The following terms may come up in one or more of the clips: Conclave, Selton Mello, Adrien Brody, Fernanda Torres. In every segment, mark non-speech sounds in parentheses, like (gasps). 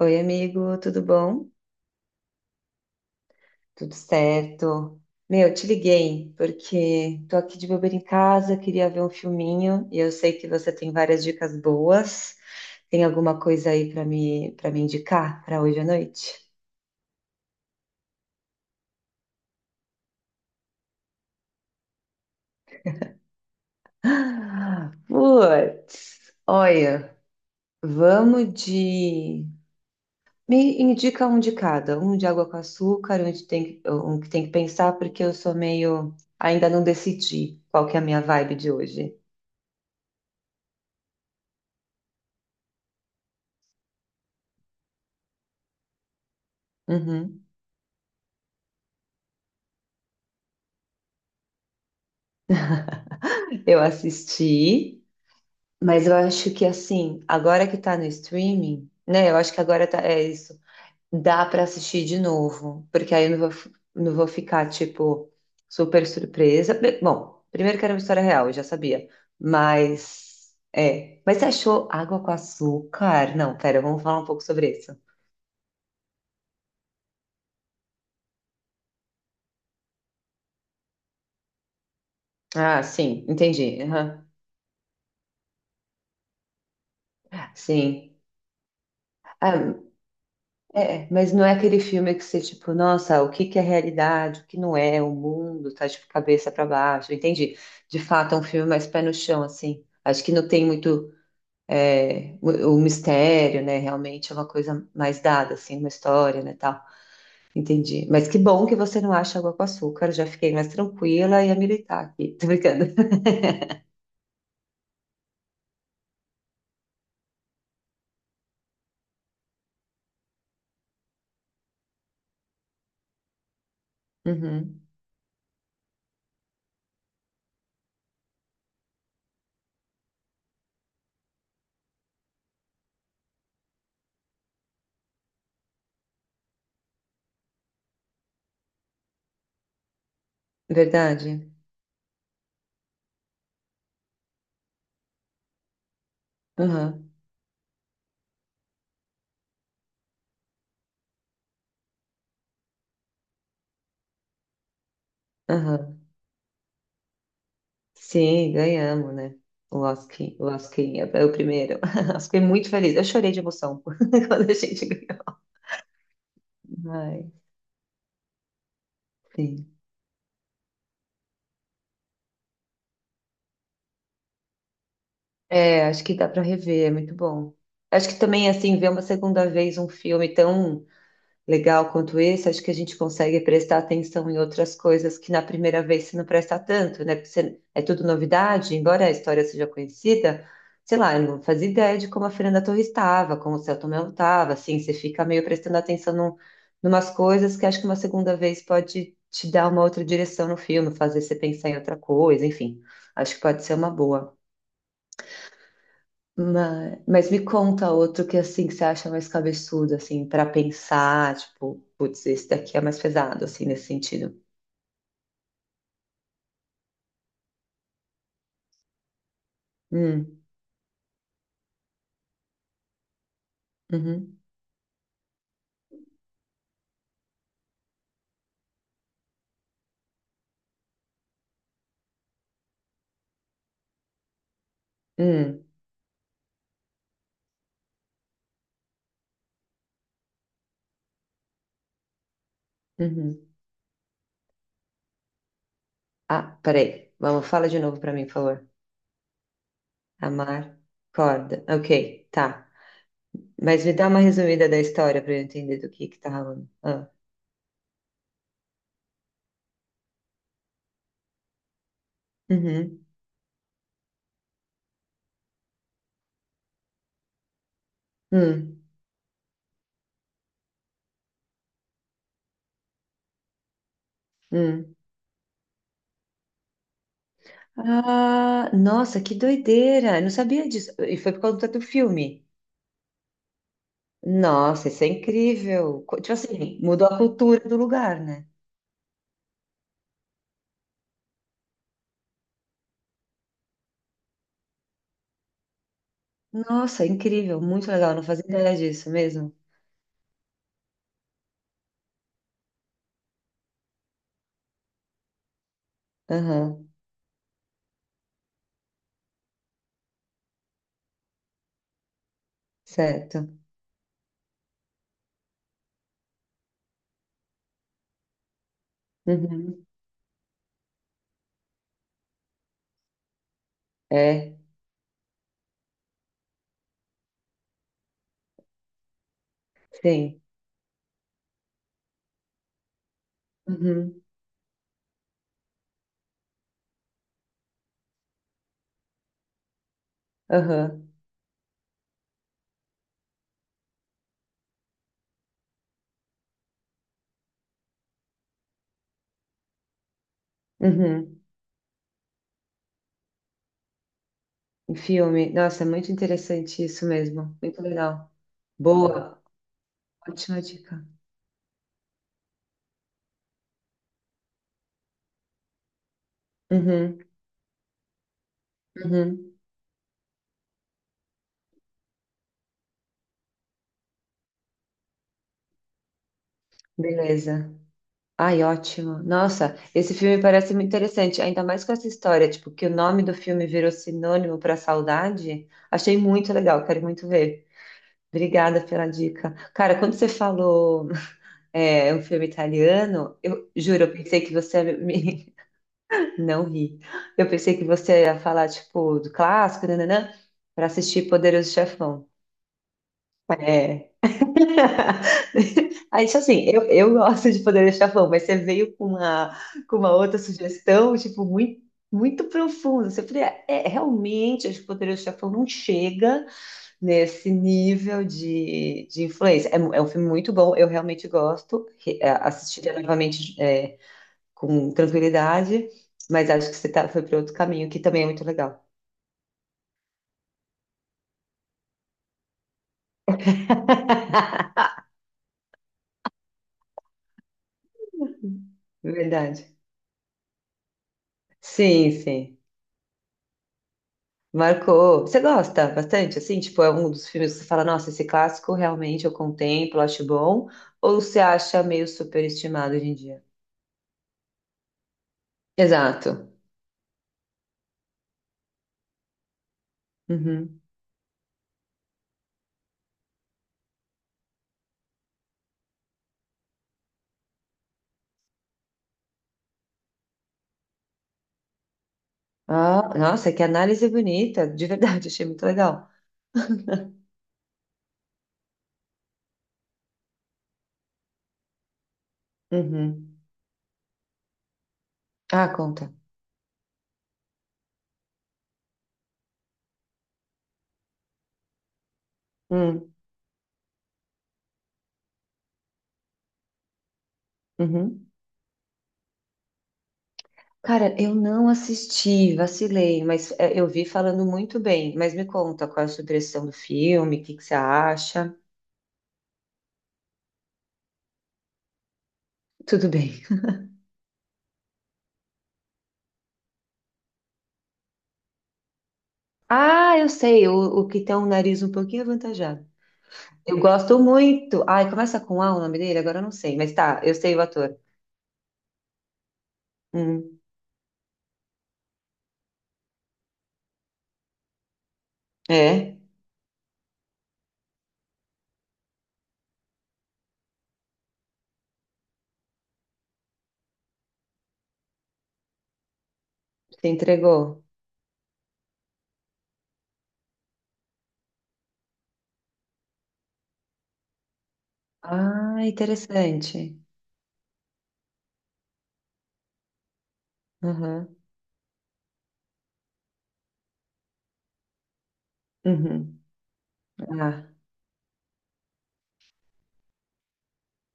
Oi, amigo, tudo bom? Tudo certo? Meu, te liguei porque tô aqui de bobeira em casa, queria ver um filminho e eu sei que você tem várias dicas boas. Tem alguma coisa aí para me indicar para hoje à noite? (gasps) Ah, putz, olha, vamos de me indica um de cada, um de água com açúcar, um que tem que pensar, porque eu sou meio, ainda não decidi qual que é a minha vibe de hoje. Uhum. Eu assisti, mas eu acho que, assim, agora que tá no streaming, né? Eu acho que agora tá, é isso. Dá pra assistir de novo, porque aí eu não vou, não vou ficar, tipo, super surpresa. Bom, primeiro que era uma história real, eu já sabia. Mas, é. Mas você achou água com açúcar? Não, pera, vamos falar um pouco sobre isso. Ah, sim, entendi. Aham. Sim. Ah, é, mas não é aquele filme que você, tipo, nossa, o que que é realidade, o que não é, o mundo tá, tipo, cabeça para baixo, entendi. De fato, é um filme mais pé no chão, assim. Acho que não tem muito o mistério, né? Realmente é uma coisa mais dada, assim, uma história, né, tal. Entendi. Mas que bom que você não acha água com açúcar, já fiquei mais tranquila e a militar aqui. Tô brincando. (laughs) Uhum, verdade. Aham, aham. Sim, ganhamos, né? O Lasquinha é o primeiro. (laughs) Eu fiquei muito feliz. Eu chorei de emoção (laughs) quando a gente ganhou. Ai, sim. É, acho que dá para rever, é muito bom. Acho que também, assim, ver uma segunda vez um filme tão legal quanto esse, acho que a gente consegue prestar atenção em outras coisas que na primeira vez você não presta tanto, né? É tudo novidade, embora a história seja conhecida, sei lá, eu não fazia ideia de como a Fernanda Torres estava, como o Selton Mello estava, assim, você fica meio prestando atenção num, numas coisas que acho que uma segunda vez pode te dar uma outra direção no filme, fazer você pensar em outra coisa, enfim, acho que pode ser uma boa. Mas me conta outro, que assim, que você acha mais cabeçudo, assim, para pensar, tipo, putz, esse daqui é mais pesado, assim, nesse sentido. Hum, uhum, hum, uhum. Ah, peraí. Vamos, fala de novo para mim, por favor. Amar, corda. Ok, tá. Mas me dá uma resumida da história para eu entender do que tá rolando. Ah. Uhum, hum, hum. Ah, nossa, que doideira! Eu não sabia disso. E foi por conta do filme. Nossa, isso é incrível. Tipo assim, mudou a cultura do lugar, né? Nossa, é incrível, muito legal. Não fazia ideia disso mesmo. Aham, certo. Uhum. É, sim. Uhum. Aham. Uhum. Um filme. Nossa, é muito interessante isso mesmo. Muito legal. Boa, ótima dica. Uhum. Uhum. Beleza. Ai, ótimo. Nossa, esse filme parece muito interessante, ainda mais com essa história, tipo, que o nome do filme virou sinônimo para saudade. Achei muito legal, quero muito ver. Obrigada pela dica. Cara, quando você falou (laughs) é, um filme italiano, eu juro, eu pensei que você ia me... (laughs) Não ri. Eu pensei que você ia falar, tipo, do clássico, nananã, para assistir Poderoso Chefão. É. (laughs) Aí, tipo assim, eu gosto de poder chavão, mas você veio com uma outra sugestão, tipo, muito, muito profunda. Você falei, é, é, realmente, acho que o Poderoso Chefão não chega nesse nível de influência. É, é um filme muito bom, eu realmente gosto, é, assistiria novamente, é, com tranquilidade, mas acho que você tá, foi para outro caminho, que também é muito legal. (laughs) Verdade. Sim, sim. Marcou. Você gosta bastante, assim? Tipo, é um dos filmes que você fala, nossa, esse clássico realmente eu contemplo, acho bom. Ou você acha meio superestimado hoje em dia? Exato. Uhum. Ah, nossa, que análise bonita. De verdade, (laughs) achei muito legal. Uhum. Ah, conta. Hum, uhum. Cara, eu não assisti, vacilei, mas é, eu vi falando muito bem. Mas me conta qual é a sua impressão do filme, o que que você acha? Tudo bem. Ah, eu sei, o que tem um nariz um pouquinho avantajado. Eu gosto muito. Ai, começa com A o nome dele? Agora eu não sei, mas tá, eu sei o ator. Uhum. É, se entregou. Ah, interessante. Uhum. Uhum. Ah,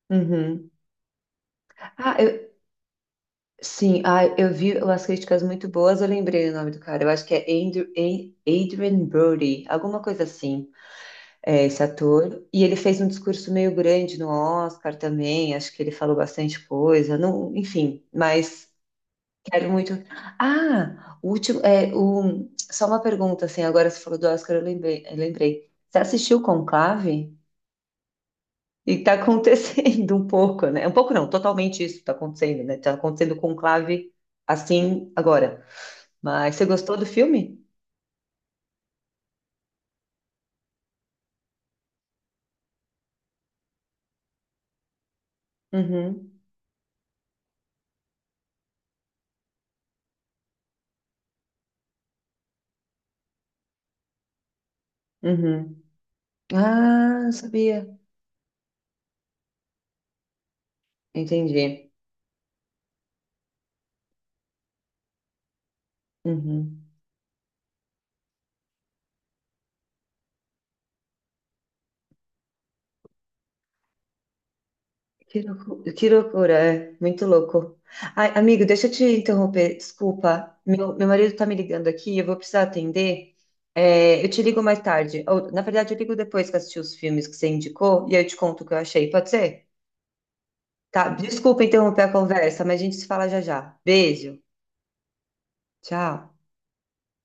uhum. Ah, sim, ah, eu vi umas críticas muito boas, eu lembrei o nome do cara. Eu acho que é Andrew, Adrien Brody, alguma coisa assim, é esse ator. E ele fez um discurso meio grande no Oscar também, acho que ele falou bastante coisa, não, enfim, mas. Quero muito. Ah, o último. É, o... Só uma pergunta, assim, agora você falou do Oscar, eu lembrei. Eu lembrei. Você assistiu Conclave? E tá acontecendo (laughs) um pouco, né? Um pouco não, totalmente isso tá acontecendo, né? Tá acontecendo Conclave assim agora. Mas você gostou do filme? Uhum, uhum. Ah, não sabia. Entendi. Uhum. Que loucura, é muito louco. Ai, amigo, deixa eu te interromper, desculpa. Meu marido tá me ligando aqui, eu vou precisar atender. É, eu te ligo mais tarde. Ou, na verdade, eu ligo depois que eu assisti os filmes que você indicou e aí eu te conto o que eu achei, pode ser? Tá, desculpa interromper a conversa, mas a gente se fala já já. Beijo, tchau.